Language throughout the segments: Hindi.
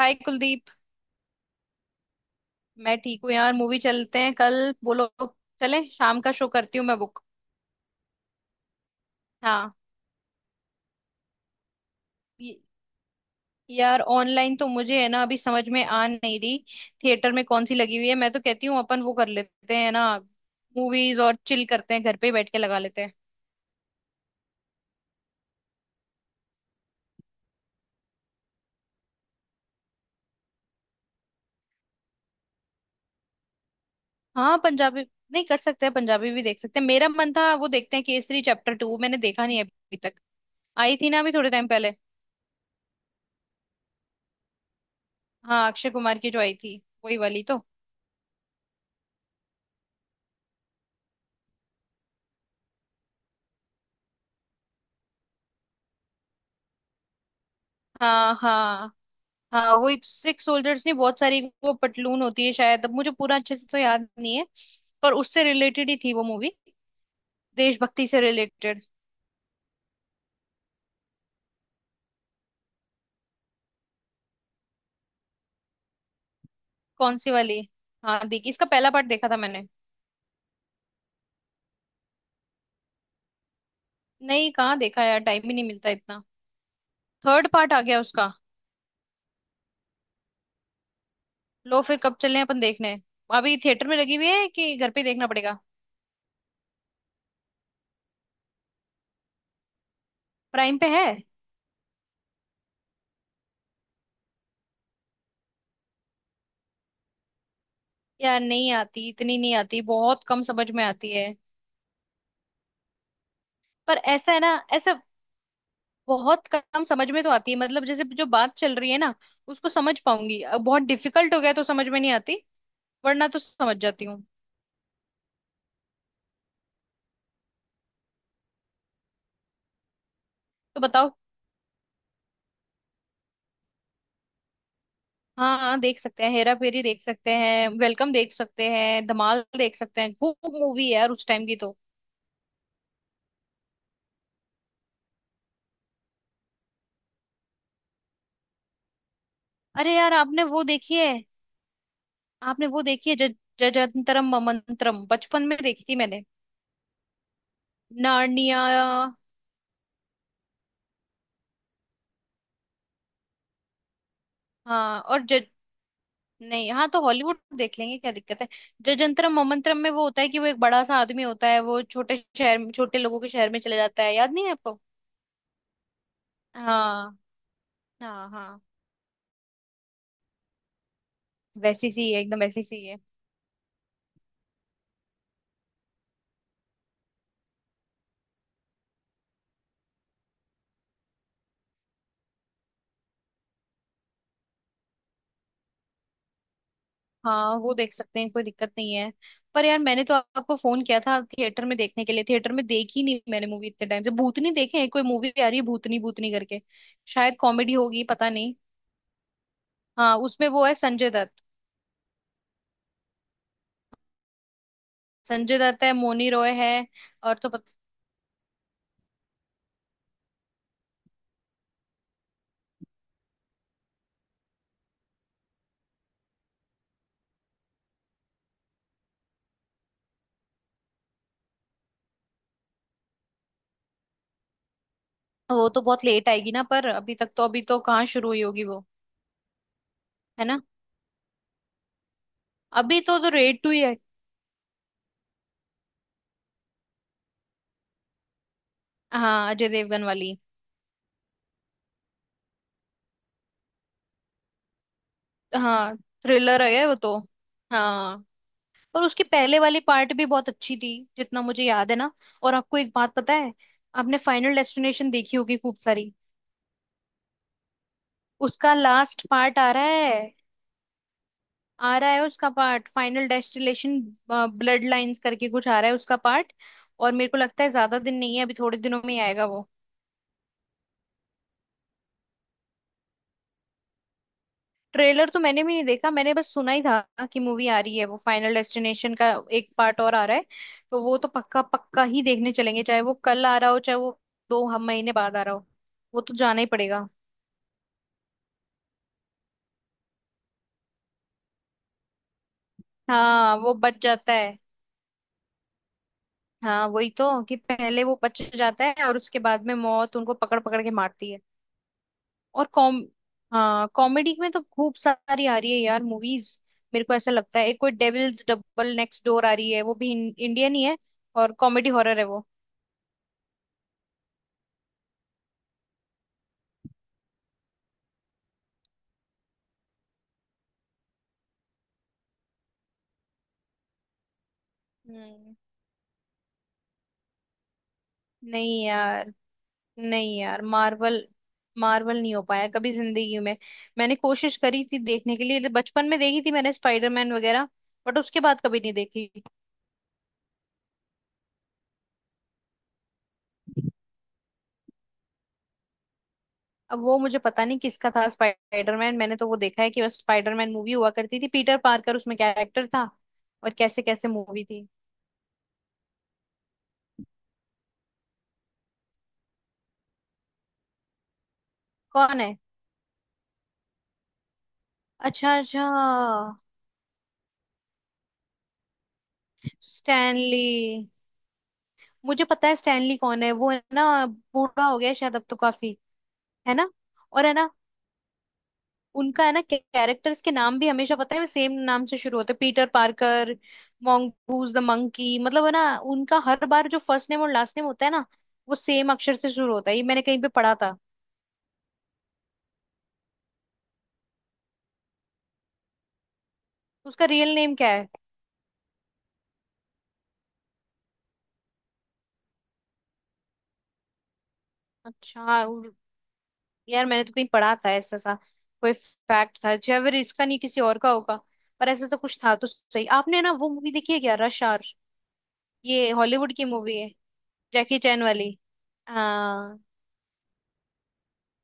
हाय कुलदीप। मैं ठीक हूँ यार, मूवी चलते हैं कल। बोलो, चले? शाम का शो करती हूँ मैं बुक। हाँ। ये- यार ऑनलाइन तो मुझे है ना, अभी समझ में आ नहीं रही। थिएटर में कौन सी लगी हुई है? मैं तो कहती हूँ अपन वो कर लेते हैं ना, मूवीज और चिल करते हैं, घर पे ही बैठ के लगा लेते हैं। हाँ पंजाबी। नहीं, कर सकते हैं, पंजाबी भी देख सकते हैं। मेरा मन था वो देखते हैं केसरी चैप्टर टू, मैंने देखा नहीं अभी तक। आई थी ना अभी थोड़े टाइम पहले। हाँ, अक्षय कुमार की जो आई थी वही वाली तो। हाँ हाँ। हाँ वो सिक्स सोल्जर्स नहीं, बहुत सारी वो पतलून होती है शायद, अब मुझे पूरा अच्छे से तो याद नहीं है। पर उससे रिलेटेड ही थी वो मूवी, देशभक्ति से रिलेटेड। कौन सी वाली? हाँ देखी, इसका पहला पार्ट देखा था मैंने। नहीं, कहाँ देखा यार, टाइम ही नहीं मिलता इतना। थर्ड पार्ट आ गया उसका? लो फिर, कब चले अपन देखने? अभी थिएटर में लगी हुई है कि घर पे ही देखना पड़ेगा? प्राइम पे है। यार नहीं आती इतनी, नहीं आती, बहुत कम समझ में आती है। पर ऐसा है ना, ऐसा बहुत कम समझ में तो आती है, मतलब जैसे जो बात चल रही है ना उसको समझ पाऊंगी। अब बहुत डिफिकल्ट हो गया तो समझ में नहीं आती, वरना तो समझ जाती हूँ। तो बताओ। हाँ हाँ, देख सकते हैं, हेरा फेरी देख सकते हैं, वेलकम देख सकते हैं, धमाल देख सकते हैं, खूब मूवी है यार उस टाइम की तो। अरे यार, आपने वो देखी है, आपने वो देखी है ज जजंतरम ममंतरम, बचपन में देखी थी मैंने। नार्निया। हाँ और। नहीं, हाँ तो हॉलीवुड देख लेंगे, क्या दिक्कत है। जो जंतरम मोमंतरम में वो होता है कि वो एक बड़ा सा आदमी होता है, वो छोटे शहर में, छोटे लोगों के शहर में चले जाता है, याद नहीं है आपको? हाँ हाँ। हाँ वैसी सी है, एकदम वैसी सी है। हाँ वो देख सकते हैं, कोई दिक्कत नहीं है। पर यार मैंने तो आपको फोन किया था थिएटर में देखने के लिए, थिएटर में देखी नहीं मैंने मूवी इतने टाइम से। भूतनी देखे हैं, कोई मूवी आ रही है भूतनी भूतनी करके। शायद कॉमेडी होगी, पता नहीं। हाँ उसमें वो है संजय दत्त। संजय दत्त है, मोनी रॉय है, और तो पता। वो तो बहुत लेट आएगी ना, पर अभी तक तो, अभी तो कहाँ शुरू हुई होगी वो। है ना। अभी तो रेड टू ही है। हाँ अजय देवगन वाली। हाँ थ्रिलर है वो तो। हाँ। और उसके पहले वाली पार्ट भी बहुत अच्छी थी, जितना मुझे याद है ना। और आपको एक बात पता है, आपने फाइनल डेस्टिनेशन देखी होगी खूब सारी? उसका लास्ट पार्ट आ रहा है। आ रहा है उसका part final destination, bloodlines करके कुछ आ रहा है उसका पार्ट। और मेरे को लगता है ज्यादा दिन नहीं है, अभी थोड़े दिनों में ही आएगा वो। ट्रेलर तो मैंने भी नहीं देखा, मैंने बस सुना ही था कि मूवी आ रही है वो, फाइनल डेस्टिनेशन का एक पार्ट और आ रहा है। तो वो तो पक्का पक्का ही देखने चलेंगे, चाहे वो कल आ रहा हो, चाहे वो 2 हम महीने बाद आ रहा हो, वो तो जाना ही पड़ेगा। हाँ वो बच जाता है। हाँ वही तो, कि पहले वो बच जाता है और उसके बाद में मौत उनको पकड़ पकड़ के मारती है। और कॉम हाँ कॉमेडी में तो खूब सारी आ रही है यार मूवीज। मेरे को ऐसा लगता है एक कोई डेविल्स डबल नेक्स्ट डोर आ रही है, वो भी इंडियन ही है, और कॉमेडी हॉरर है वो। हम्म। नहीं यार। नहीं यार, मार्वल, मार्वल नहीं हो पाया कभी जिंदगी में। मैंने कोशिश करी थी देखने के लिए, बचपन में देखी थी मैंने स्पाइडरमैन वगैरह, बट उसके बाद कभी नहीं देखी। अब वो मुझे पता नहीं किसका था स्पाइडरमैन, मैंने तो वो देखा है कि बस स्पाइडरमैन मूवी हुआ करती थी, पीटर पार्कर उसमें कैरेक्टर था और कैसे कैसे मूवी थी। कौन है? अच्छा अच्छा। स्टैनली। मुझे पता है स्टैनली कौन है, वो है ना बूढ़ा हो गया है शायद अब तो काफी। है ना? और है ना, उनका है ना कैरेक्टर्स के नाम भी हमेशा पता है सेम नाम से शुरू होते हैं, Peter Parker, mongoose the monkey, मतलब है ना, उनका हर बार जो फर्स्ट नेम और लास्ट नेम होता है ना, वो सेम अक्षर से शुरू होता है, ये मैंने कहीं पे पढ़ा था। उसका रियल नेम क्या है? अच्छा। यार मैंने तो कहीं पढ़ा था ऐसा सा, कोई फैक्ट था, जो अगर इसका नहीं किसी और का होगा, पर ऐसा तो कुछ था तो सही। आपने ना वो मूवी देखी है क्या, रश आवर? ये हॉलीवुड की मूवी है, जैकी चैन वाली। हाँ।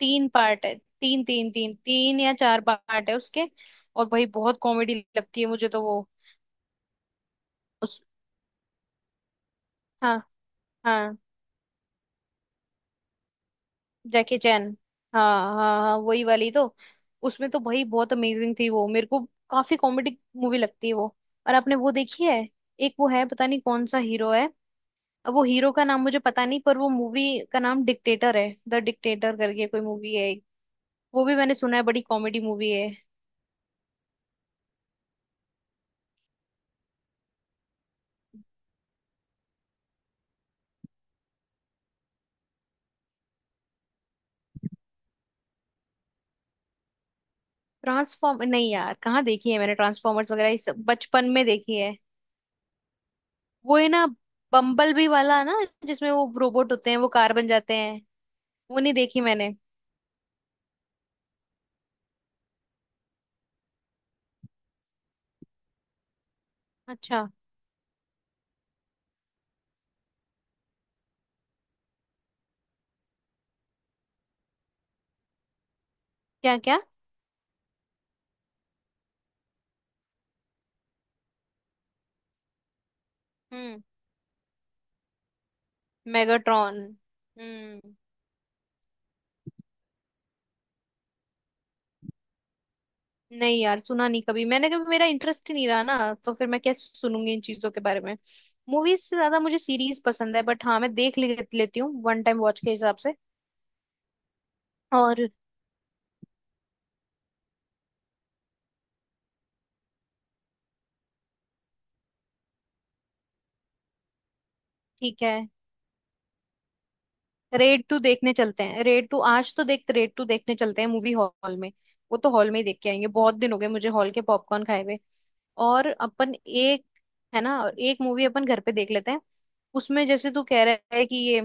तीन पार्ट है। तीन तीन तीन तीन या 4 पार्ट है उसके, और भाई बहुत कॉमेडी लगती है मुझे तो वो। उस हाँ हाँ। जैकी चैन। हाँ हाँ हाँ वही वाली तो। उसमें तो भाई बहुत अमेजिंग थी वो मेरे को, काफी कॉमेडी मूवी लगती है वो। और आपने वो देखी है, एक वो है, पता नहीं कौन सा हीरो है, अब वो हीरो का नाम मुझे पता नहीं, पर वो मूवी का नाम डिक्टेटर है, द डिक्टेटर करके कोई मूवी है एक। वो भी मैंने सुना है बड़ी कॉमेडी मूवी है। ट्रांसफॉर्म नहीं यार, कहाँ देखी है मैंने ट्रांसफॉर्मर्स वगैरह, ये सब बचपन में देखी है। वो है ना बम्बल बी वाला ना, जिसमें वो रोबोट होते हैं वो कार बन जाते हैं, वो नहीं देखी मैंने। अच्छा। क्या क्या? हम्म। मेगाट्रॉन। हम्म। नहीं यार, सुना नहीं कभी मैंने, कभी मेरा इंटरेस्ट ही नहीं रहा ना, तो फिर मैं क्या सुनूंगी इन चीजों के बारे में। मूवीज से ज्यादा मुझे सीरीज पसंद है, बट हाँ मैं लेती हूँ वन टाइम वॉच के हिसाब से। और। ठीक है, रेड टू देखने चलते हैं, रेड टू आज तो देख, रेड टू देखने चलते हैं मूवी हॉल में। वो तो हॉल में ही देख के आएंगे, बहुत दिन हो गए मुझे हॉल के पॉपकॉर्न खाए हुए। और अपन एक, है ना, एक मूवी अपन घर पे देख लेते हैं, उसमें जैसे तू कह रहा है कि ये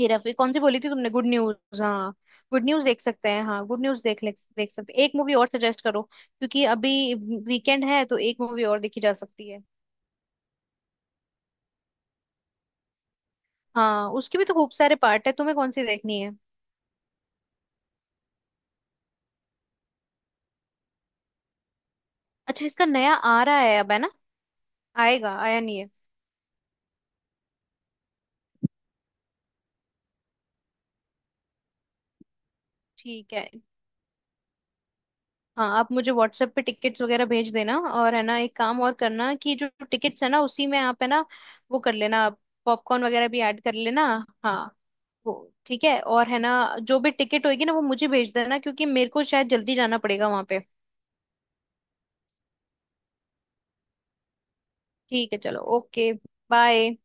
हेरा फेरी, कौन सी बोली थी तुमने, गुड न्यूज हाँ। गुड न्यूज देख सकते हैं, हाँ गुड न्यूज देख ले, देख सकते हैं। एक मूवी और सजेस्ट करो, क्योंकि अभी वीकेंड है तो एक मूवी और देखी जा सकती है। हाँ उसके भी तो खूब सारे पार्ट है, तुम्हें कौन सी देखनी है? अच्छा, इसका नया आ रहा है अब, है ना। आएगा, आया नहीं है। ठीक है। हाँ आप मुझे व्हाट्सएप पे टिकट्स वगैरह भेज देना, और है ना एक काम और करना, कि जो टिकट्स है ना, उसी में आप है ना वो कर लेना, पॉपकॉर्न वगैरह भी ऐड कर लेना। हाँ वो ठीक है। और है ना जो भी टिकट होगी ना वो मुझे भेज देना, क्योंकि मेरे को शायद जल्दी जाना पड़ेगा वहां पे। ठीक है, चलो ओके। बाय।